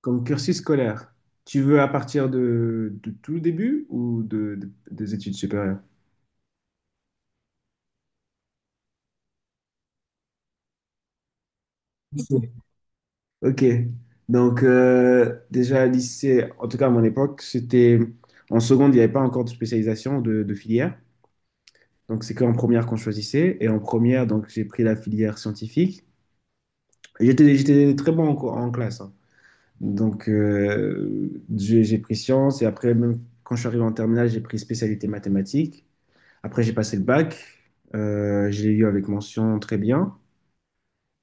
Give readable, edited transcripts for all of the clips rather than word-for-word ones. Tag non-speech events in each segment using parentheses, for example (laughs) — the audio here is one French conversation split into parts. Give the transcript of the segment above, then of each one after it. Comme cursus scolaire, tu veux à partir de tout le début ou des études supérieures? Lycée. Ok. Donc, déjà, lycée, en tout cas à mon époque, c'était en seconde, il n'y avait pas encore de spécialisation de filière. Donc, c'est qu'en première qu'on choisissait. Et en première, donc, j'ai pris la filière scientifique. Et j'étais très bon en classe, hein. Donc, j'ai pris sciences. Et après, même quand je suis arrivé en terminale, j'ai pris spécialité mathématiques. Après, j'ai passé le bac. Je l'ai eu avec mention très bien.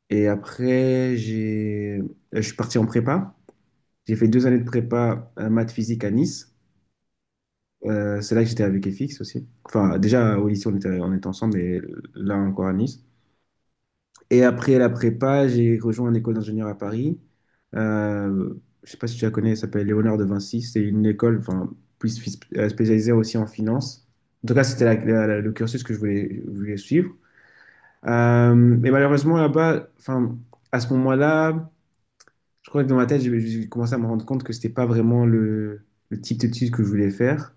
Et après, je suis parti en prépa. J'ai fait 2 années de prépa maths physique à Nice. C'est là que j'étais avec FX aussi. Enfin, déjà au lycée, on était ensemble, et là encore à Nice. Et après la prépa, j'ai rejoint une école d'ingénieur à Paris. Euh, je sais pas si tu la connais, elle s'appelle Léonard de Vinci. C'est une école, enfin, plus spécialisée aussi en finance. En tout cas, c'était le cursus que je voulais suivre. Mais malheureusement, là-bas, enfin, à ce moment-là, je crois que dans ma tête, j'ai commencé à me rendre compte que c'était pas vraiment le type d'études que je voulais faire.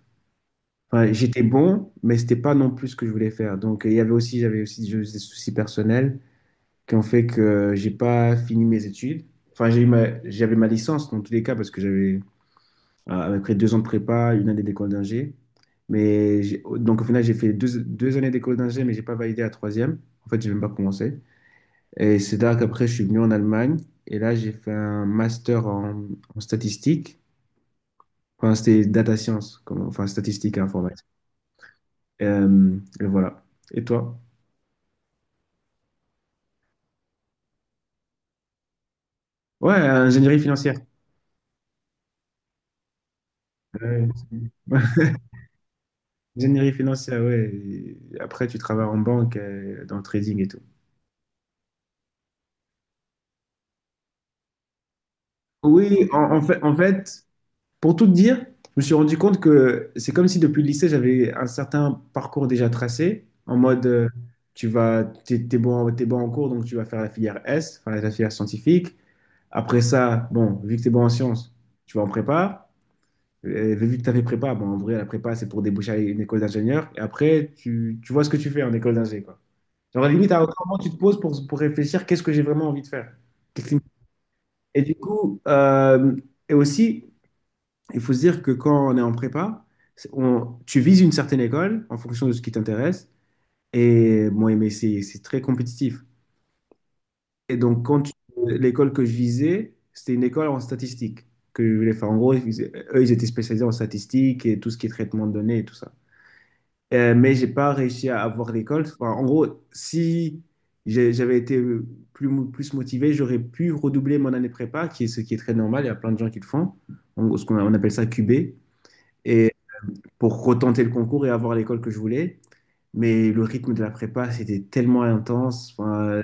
Enfin, j'étais bon, mais c'était pas non plus ce que je voulais faire. Donc, il y avait aussi, j'avais aussi des soucis personnels qui ont fait que j'ai pas fini mes études. Enfin, j'avais ma licence dans tous les cas parce que j'avais, après 2 ans de prépa, 1 année d'école d'ingé. Mais donc, au final, j'ai fait deux années d'école d'ingé, mais j'ai pas validé la troisième. En fait, j'ai même pas commencé. Et c'est là qu'après, je suis venu en Allemagne. Et là, j'ai fait un master en statistique. Enfin, c'était data science, enfin, statistique et informatique. Et voilà. Et toi? Ouais, ingénierie financière. Ouais. (laughs) Ingénierie financière, ouais. Et après, tu travailles en banque, dans le trading et tout. Oui, pour tout te dire, je me suis rendu compte que c'est comme si depuis le lycée, j'avais un certain parcours déjà tracé, en mode, tu vas, t'es bon en cours, donc tu vas faire la filière S, enfin la filière scientifique. Après ça, bon, vu que t'es bon en sciences, tu vas en prépa. Et vu que t'as fait prépa, bon, en vrai, la prépa, c'est pour déboucher à une école d'ingénieur. Et après, tu vois ce que tu fais en école d'ingé, quoi. Genre, limite, à aucun moment, tu te poses pour réfléchir, qu'est-ce que j'ai vraiment envie de faire? Qu'est-ce qui me- Et du coup, et aussi, il faut se dire que quand on est en prépa, tu vises une certaine école en fonction de ce qui t'intéresse. Et bon, mais c'est très compétitif. Et donc, l'école que je visais, c'était une école en statistique que je voulais faire. En gros, eux, ils étaient spécialisés en statistique et tout ce qui est traitement de données et tout ça. Mais j'ai pas réussi à avoir l'école. Enfin, en gros, si j'avais été plus motivé, j'aurais pu redoubler mon année prépa, qui est ce qui est très normal. Il y a plein de gens qui le font. En gros, ce qu'on appelle ça QB. Et pour retenter le concours et avoir l'école que je voulais. Mais le rythme de la prépa, c'était tellement intense. Enfin,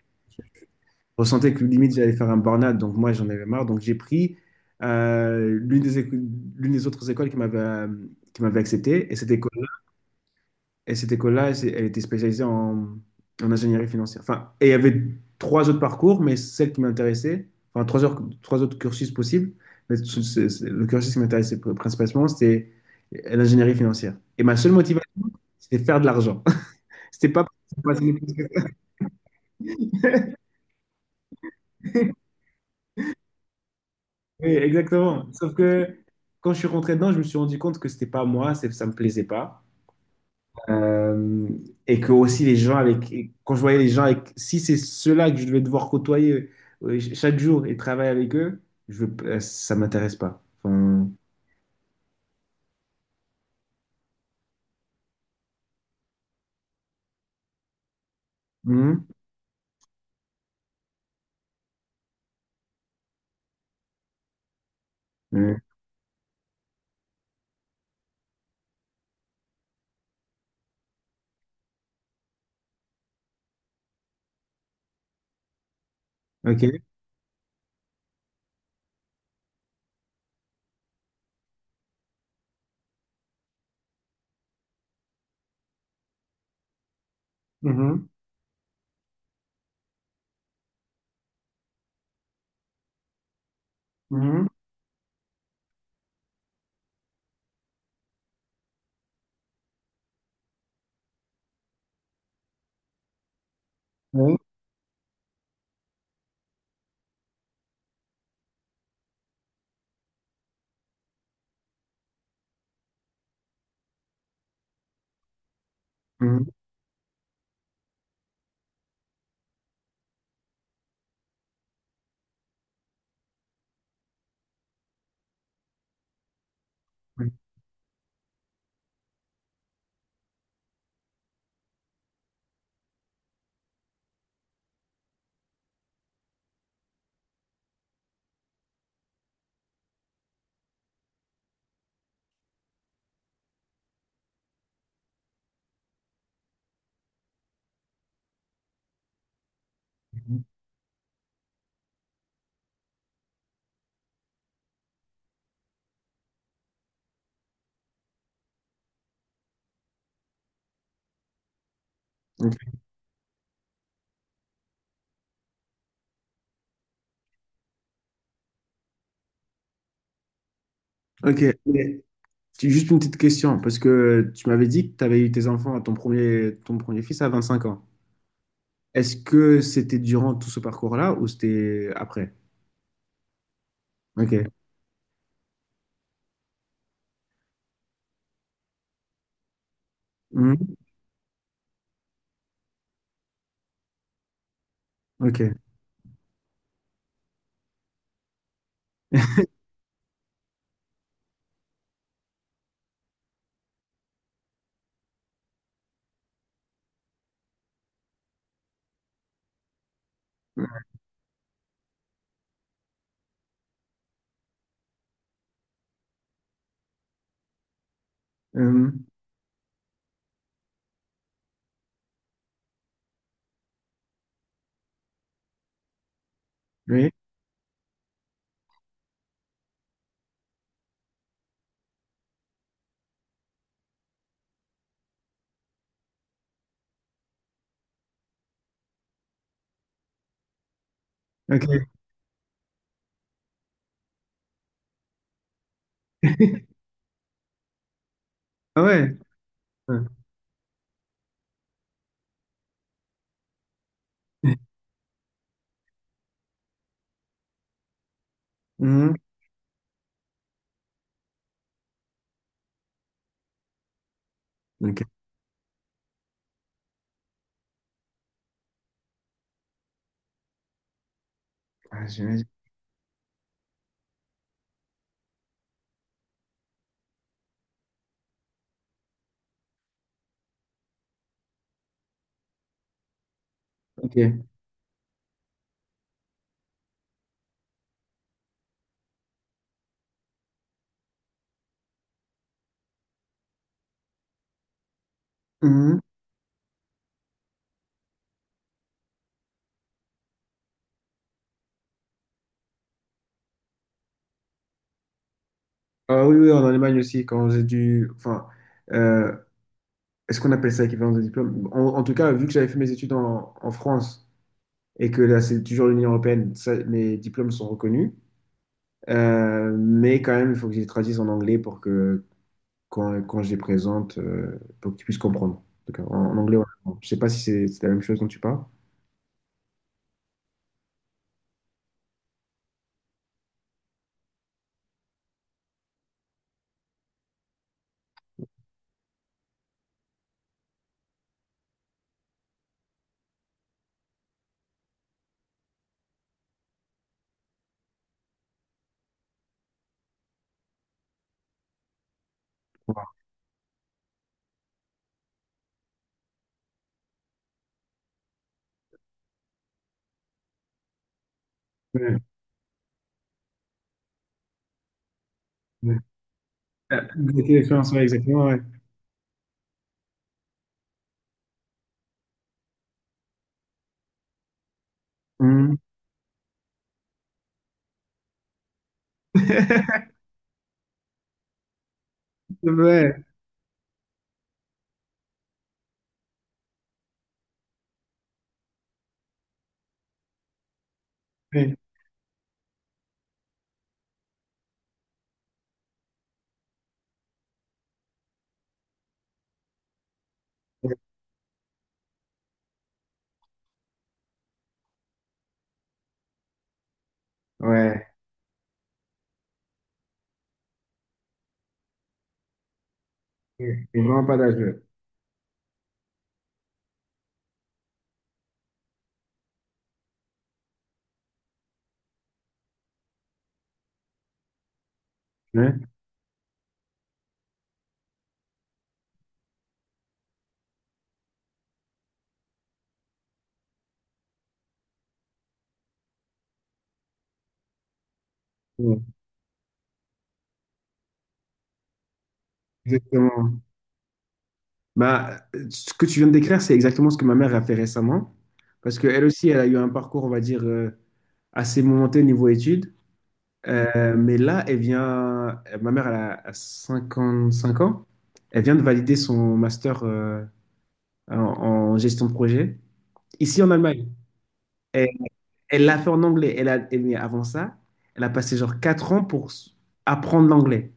je ressentais que limite, j'allais faire un burn-out. Donc, moi, j'en avais marre. Donc, j'ai pris, euh, l'une des, éco- l'une des autres écoles qui m'avait, qui m'avait accepté. Et elle était spécialisée en ingénierie financière. Enfin, et il y avait trois autres parcours, mais celle qui m'intéressait, enfin, trois autres cursus possibles. Mais le cursus qui m'intéressait principalement, c'était l'ingénierie financière. Et ma seule motivation, c'était faire de l'argent. (laughs) C'était pas pour passer les plus que- Oui, exactement. Sauf que quand je suis rentré dedans, je me suis rendu compte que c'était pas moi, ça me plaisait pas. Euh, et que aussi les gens avec, et quand je voyais les gens avec, si c'est ceux-là que je devais devoir côtoyer chaque jour et travailler avec eux, ça m'intéresse pas. Enfin, mhm, mhm, ok. Mhm, mhm, ouais, mhm, mhm. Ok. Ok. J'ai juste une petite question, parce que tu m'avais dit que tu avais eu tes enfants, ton premier fils à 25 ans. Est-ce que c'était durant tout ce parcours-là ou c'était après? Ok. Hmm. Ok. (laughs) Hmm. Oui. Ok. (laughs) Ah ouais. Hmm. Ok. Ah, j'imagine. Ok. Mhm. Ah oui, oui, en Allemagne aussi, quand j'ai dû. Enfin, euh, est-ce qu'on appelle ça équivalence de diplôme? En tout cas, vu que j'avais fait mes études en France et que là, c'est toujours l'Union européenne, ça, mes diplômes sont reconnus. Mais quand même, il faut que je les traduise en anglais pour que quand je les présente, pour que tu puisses comprendre. Donc, en anglais, ou je sais pas si c'est la même chose dont tu parles. Ouais, ouais. Goûter l'expérience, ouais, exactement, ouais. Mhm. (laughs) Ouais, ouais, ouais, ouais, c'est vraiment pas d'âge. Ouais. Ouais, exactement. Bah, ce que tu viens de décrire, c'est exactement ce que ma mère a fait récemment. Parce qu'elle aussi, elle a eu un parcours, on va dire, assez momenté niveau études. Mais là, ma mère, elle a 5 ans. Elle vient de valider son master, en, en gestion de projet ici en Allemagne. Elle, elle l'a fait en anglais. Mais avant ça, elle a passé genre 4 ans pour apprendre l'anglais.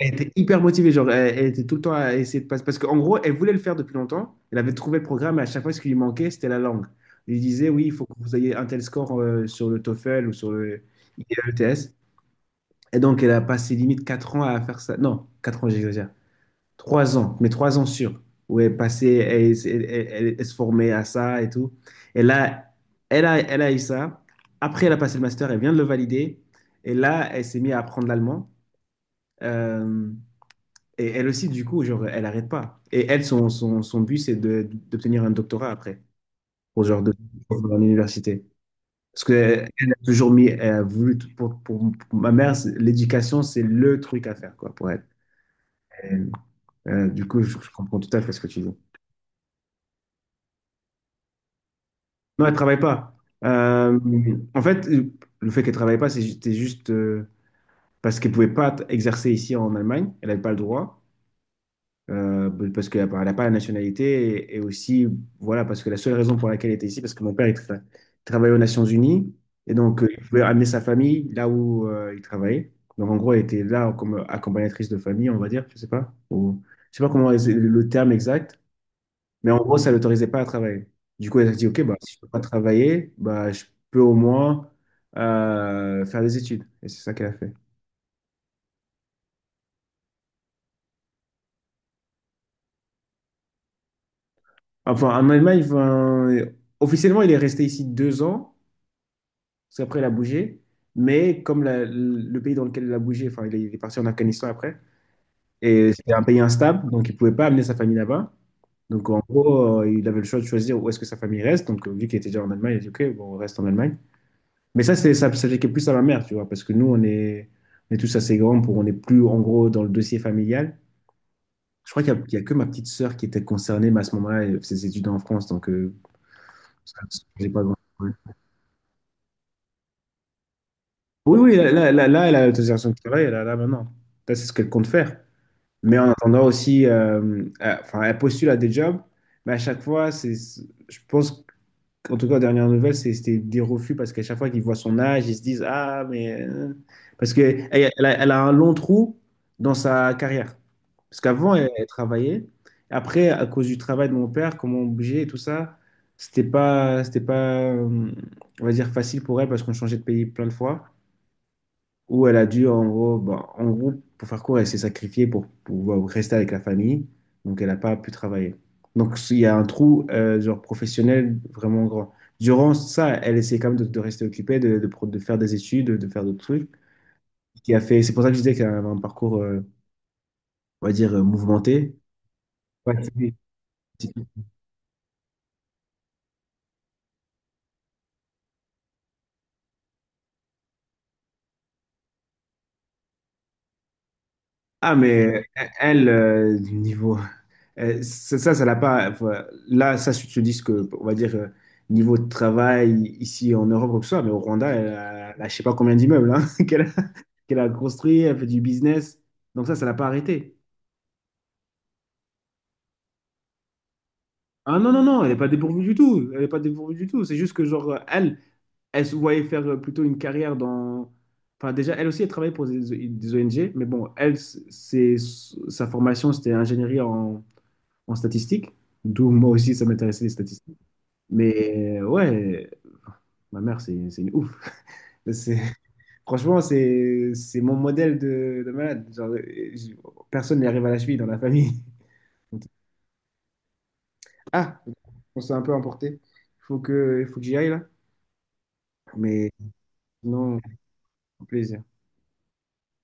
Elle était hyper motivée. Genre, elle était tout le temps à essayer de passer. Parce qu'en gros, elle voulait le faire depuis longtemps. Elle avait trouvé le programme et à chaque fois, ce qui lui manquait, c'était la langue. Il disait, oui, il faut que vous ayez un tel score, sur le TOEFL ou sur le IELTS. Et donc, elle a passé limite 4 ans à faire ça. Non, 4 ans, j'exagère. 3 ans, mais 3 ans sûrs, où elle passait, elle se formait à ça et tout. Et là, elle a eu ça. Après, elle a passé le master, elle vient de le valider. Et là, elle s'est mise à apprendre l'allemand. Euh, et elle aussi, du coup, genre, elle n'arrête pas. Et elle, son but, c'est d'obtenir un doctorat après, pour genre de, dans l'université. Parce qu'elle a toujours mis, elle a voulu, pour ma mère, l'éducation, c'est le truc à faire, quoi, pour elle. Euh, du coup, je comprends tout à fait ce que tu dis. Non, elle travaille pas. Euh, en fait, le fait qu'elle travaille pas, c'était juste, parce qu'elle pouvait pas exercer ici en Allemagne. Elle n'avait pas le droit, parce qu'elle n'a a pas la nationalité, et aussi, voilà, parce que la seule raison pour laquelle elle était ici, parce que mon père il travaillait aux Nations Unies, et donc, il pouvait amener sa famille là où, il travaillait. Donc en gros, elle était là comme accompagnatrice de famille, on va dire, je sais pas, ou je sais pas comment le terme exact. Mais en gros, ça ne l'autorisait pas à travailler. Du coup, elle a dit, OK, bah, si je ne peux pas travailler, bah, je peux au moins, faire des études. Et c'est ça qu'elle a fait. Enfin, en Allemagne, enfin, officiellement, il est resté ici 2 ans, parce qu'après, il a bougé. Mais comme le pays dans lequel il a bougé, enfin, il est parti en Afghanistan après, et c'était un pays instable, donc il ne pouvait pas amener sa famille là-bas. Donc, en gros, il avait le choix de choisir où est-ce que sa famille reste. Donc, vu qu'il était déjà en Allemagne, il a dit, OK, bon, on reste en Allemagne. Mais ça, ça, ça fait que plus à ma mère, tu vois, parce que nous, on est tous assez grands pour, on n'est plus, en gros, dans le dossier familial. Je crois qu'il y a que ma petite sœur qui était concernée, mais à ce moment-là, elle faisait ses études en France, donc, ça, j'ai pas grand- Ouais. Oui, oui, là, là, là, là, elle a l'autorisation de travail, elle a là maintenant. Là, c'est ce qu'elle compte faire. Mais en attendant aussi, enfin, elle postule à des jobs, mais à chaque fois, c'est, je pense. En tout cas, aux dernières nouvelles, c'était des refus parce qu'à chaque fois qu'ils voient son âge, ils se disent, Ah, mais, parce qu'elle a un long trou dans sa carrière. Parce qu'avant, elle travaillait. Après, à cause du travail de mon père, comment on bougeait et tout ça, c'était pas, on va dire, facile pour elle parce qu'on changeait de pays plein de fois où elle a dû, en gros, bah, en gros, pour faire court, elle s'est sacrifiée pour pouvoir rester avec la famille, donc elle n'a pas pu travailler. Donc il y a un trou, genre professionnel vraiment grand. Durant ça, elle essaie quand même de rester occupée, de faire des études, de faire d'autres trucs. Ce qui a fait, c'est pour ça que je disais qu'elle avait un parcours, on va dire, mouvementé. Ouais, c'est- Ah, mais elle, niveau, ça, ça l'a pas. Enfin, là, ça, se disent que, on va dire, niveau de travail ici en Europe, ou que ce soit, mais au Rwanda, elle a je sais pas combien d'immeubles, hein, (laughs) qu'elle a construit, elle fait du business. Donc, ça l'a pas arrêté. Ah non, non, non, elle n'est pas dépourvue du tout. Elle n'est pas dépourvue du tout. C'est juste que, genre, elle se voyait faire, plutôt une carrière dans. Enfin, déjà, elle aussi, elle travaille pour des ONG, mais bon, sa formation, c'était ingénierie en statistique, d'où moi aussi, ça m'intéressait les statistiques. Mais ouais, ma mère, c'est une ouf. C'est- (laughs) Franchement, c'est mon modèle de malade. Genre, je- personne n'y arrive à la cheville dans la famille. (laughs) Ah, on s'est un peu emporté. Il faut que j'y aille là. Mais sinon, plaisir.